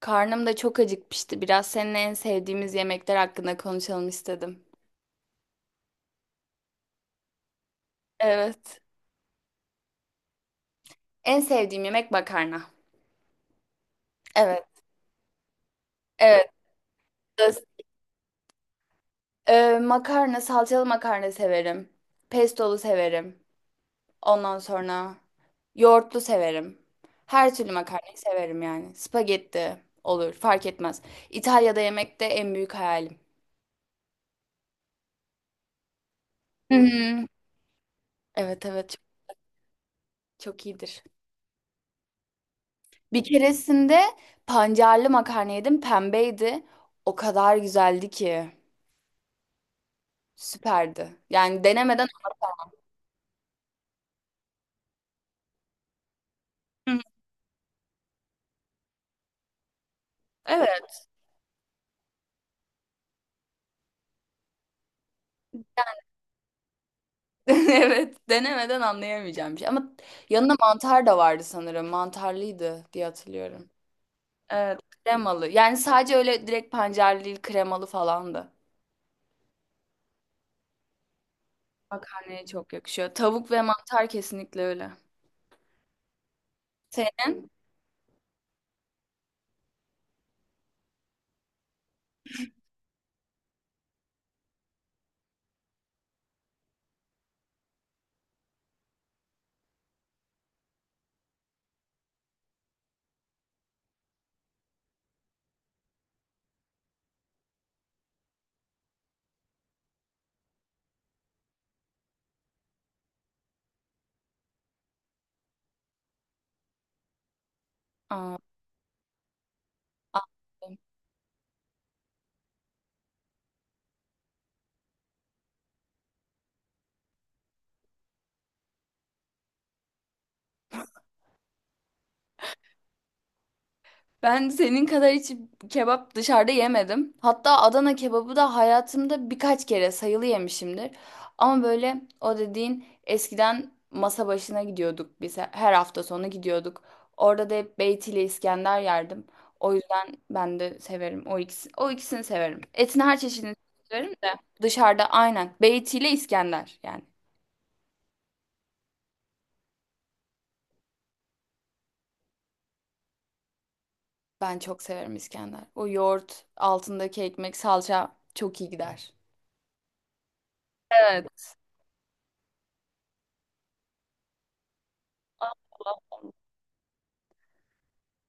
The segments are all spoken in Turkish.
Karnım da çok acıkmıştı. Biraz seninle en sevdiğimiz yemekler hakkında konuşalım istedim. Evet. En sevdiğim yemek makarna. Evet. Evet. Öz- makarna, salçalı makarna severim. Pestolu severim. Ondan sonra yoğurtlu severim. Her türlü makarnayı severim yani. Spagetti olur, fark etmez. İtalya'da yemek de en büyük hayalim. Hı hı. Evet, çok, çok iyidir. Bir keresinde pancarlı makarna yedim. Pembeydi. O kadar güzeldi ki. Süperdi. Yani Hı, hı. Evet. Evet, denemeden anlayamayacağım bir şey. Ama yanında mantar da vardı sanırım. Mantarlıydı diye hatırlıyorum. Evet. Kremalı. Yani sadece öyle direkt pancarlı değil, kremalı falandı. Makarnaya çok yakışıyor. Tavuk ve mantar kesinlikle öyle. Senin? Aa, aa. Ben senin kadar hiç kebap dışarıda yemedim. Hatta Adana kebabı da hayatımda birkaç kere sayılı yemişimdir. Ama böyle o dediğin eskiden masa başına gidiyorduk biz. Her hafta sonu gidiyorduk. Orada da hep Beyti ile İskender yerdim. O yüzden ben de severim. O ikisini severim. Etin her çeşidini severim de dışarıda aynen Beyti ile İskender yani. Ben çok severim İskender. O yoğurt, altındaki ekmek, salça çok iyi gider. Evet.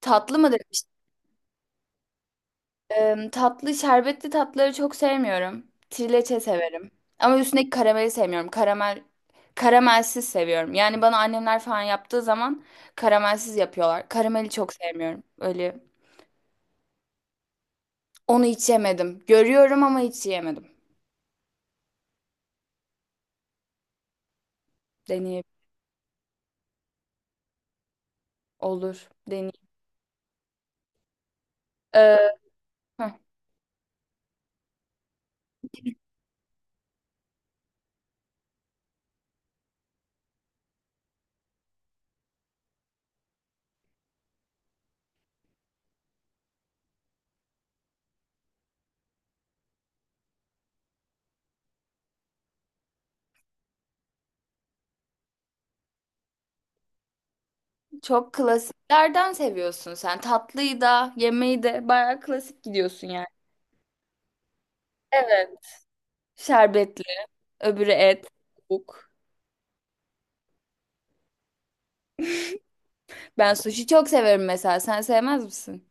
Tatlı mı demiştin? Şerbetli tatları çok sevmiyorum. Trileçe severim. Ama üstündeki karameli sevmiyorum. Karamelsiz seviyorum. Yani bana annemler falan yaptığı zaman karamelsiz yapıyorlar. Karameli çok sevmiyorum. Öyle onu hiç yemedim. Görüyorum ama hiç yemedim. Deneyim olur. Deneyim. Ee, heh, çok klasiklerden seviyorsun sen. Tatlıyı da, yemeği de bayağı klasik gidiyorsun yani. Evet. Şerbetli, öbürü et, tavuk. Ben sushi çok severim mesela. Sen sevmez misin?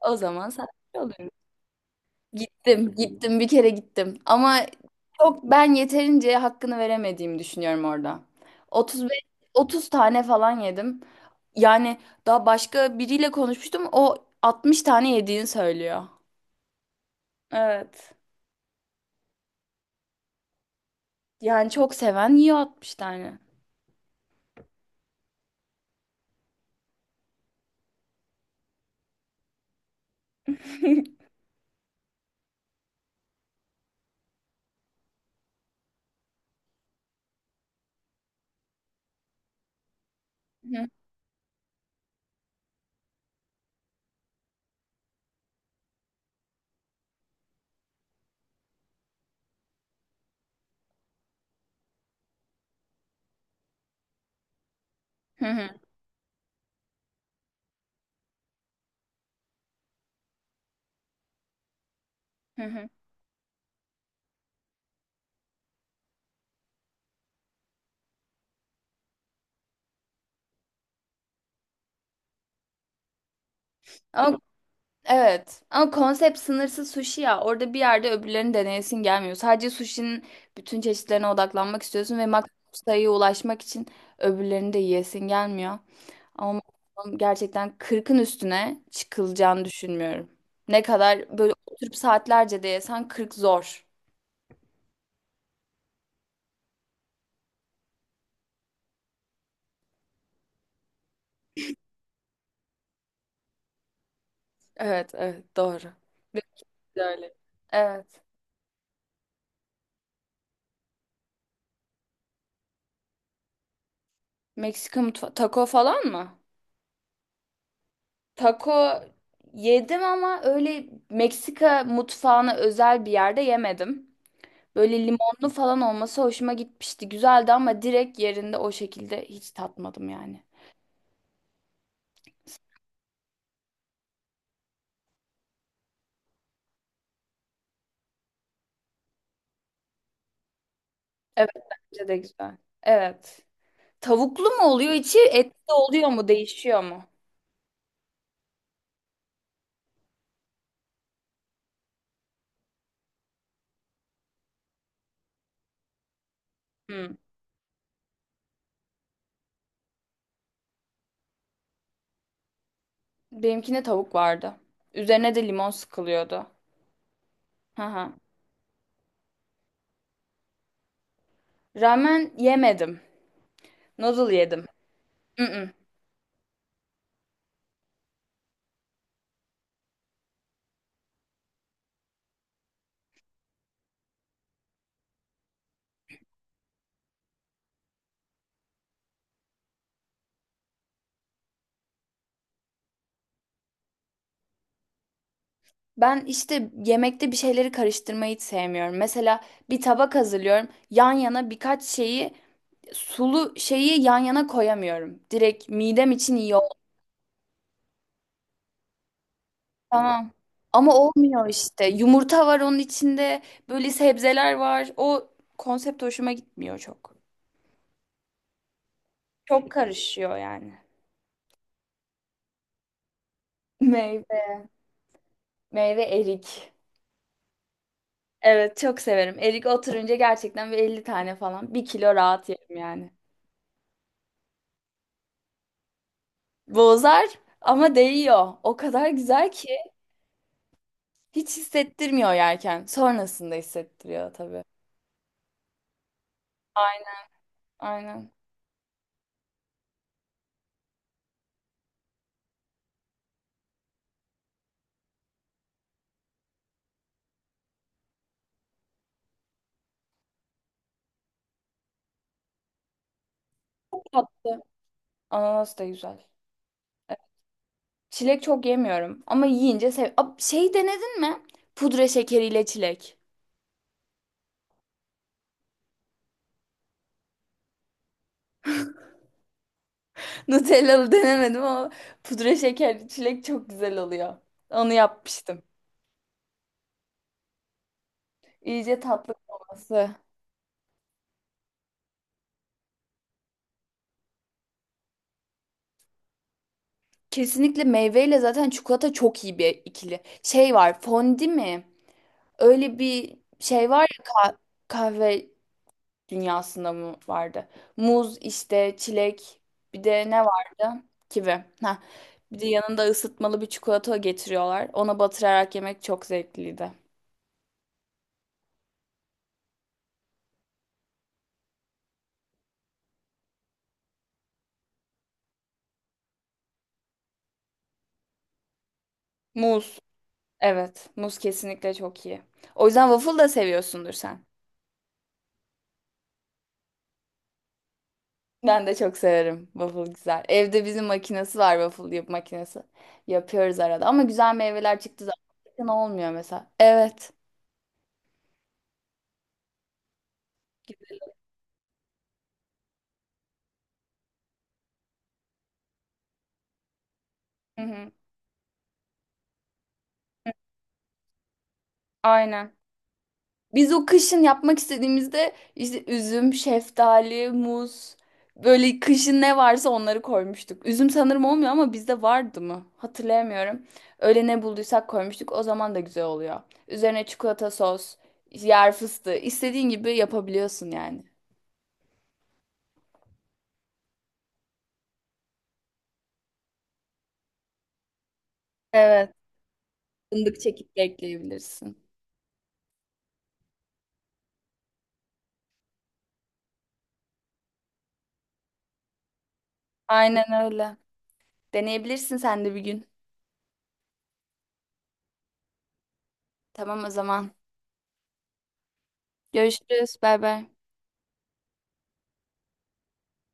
O zaman sanatçı oluyorum. Gittim, bir kere gittim. Ama çok ben yeterince hakkını veremediğimi düşünüyorum orada. 35 30 tane falan yedim. Yani daha başka biriyle konuşmuştum. O 60 tane yediğini söylüyor. Evet. Yani çok seven yiyor 60 tane. Hı hı hı hı. Hı hı. Ama evet, ama konsept sınırsız sushi ya, orada bir yerde öbürlerini deneyesin gelmiyor. Sadece sushi'nin bütün çeşitlerine odaklanmak istiyorsun ve maksimum sayıya ulaşmak için öbürlerini de yiyesin gelmiyor. Ama gerçekten kırkın üstüne çıkılacağını düşünmüyorum. Ne kadar böyle oturup saatlerce de yesen 40 zor. Evet, evet, doğru. Biraz öyle. Evet. Meksika mutfağı taco falan mı? Taco yedim ama öyle Meksika mutfağına özel bir yerde yemedim. Böyle limonlu falan olması hoşuma gitmişti. Güzeldi ama direkt yerinde o şekilde hiç tatmadım yani. Evet, bence de güzel. Evet. Tavuklu mu oluyor içi, etli oluyor mu, değişiyor mu? Hmm. Benimkine tavuk vardı. Üzerine de limon sıkılıyordu. Hı hı. Ramen yemedim. Noodle yedim. Mm-mm. Ben işte yemekte bir şeyleri karıştırmayı hiç sevmiyorum. Mesela bir tabak hazırlıyorum. Yan yana birkaç şeyi sulu şeyi yan yana koyamıyorum. Direkt midem için iyi oldu. Tamam. Ama olmuyor işte. Yumurta var onun içinde. Böyle sebzeler var. O konsept hoşuma gitmiyor çok. Çok karışıyor yani. Meyve. Meyve erik. Evet, çok severim. Erik oturunca gerçekten bir 50 tane falan. Bir kilo rahat yerim yani. Bozar ama değiyor. O kadar güzel ki. Hiç hissettirmiyor yerken. Sonrasında hissettiriyor tabii. Aynen. Aynen. Tatlı. Ananas da güzel. Çilek çok yemiyorum ama yiyince sev. Şey, denedin mi? Pudra şekeriyle çilek. Nutellalı denemedim ama pudra şekerli çilek çok güzel oluyor. Onu yapmıştım. İyice tatlı olması. Kesinlikle meyveyle zaten çikolata çok iyi bir ikili. Şey var, fondi mi? Öyle bir şey var ya, kahve dünyasında mı vardı? Muz, işte çilek, bir de ne vardı? Kivi. Ha. Bir de yanında ısıtmalı bir çikolata getiriyorlar. Ona batırarak yemek çok zevkliydi. Muz. Evet, muz kesinlikle çok iyi. O yüzden waffle da seviyorsundur sen. Ben de çok severim. Waffle güzel. Evde bizim makinesi var, waffle yap makinesi. Yapıyoruz arada ama güzel meyveler çıktı zaten, olmuyor mesela. Evet. Hı hı. Aynen. Biz o kışın yapmak istediğimizde işte üzüm, şeftali, muz, böyle kışın ne varsa onları koymuştuk. Üzüm sanırım olmuyor ama bizde vardı mı? Hatırlayamıyorum. Öyle ne bulduysak koymuştuk. O zaman da güzel oluyor. Üzerine çikolata sos, yer fıstığı istediğin gibi yapabiliyorsun yani. Evet. Fındık çekip de ekleyebilirsin. Aynen öyle. Deneyebilirsin sen de bir gün. Tamam o zaman. Görüşürüz. Bay bay.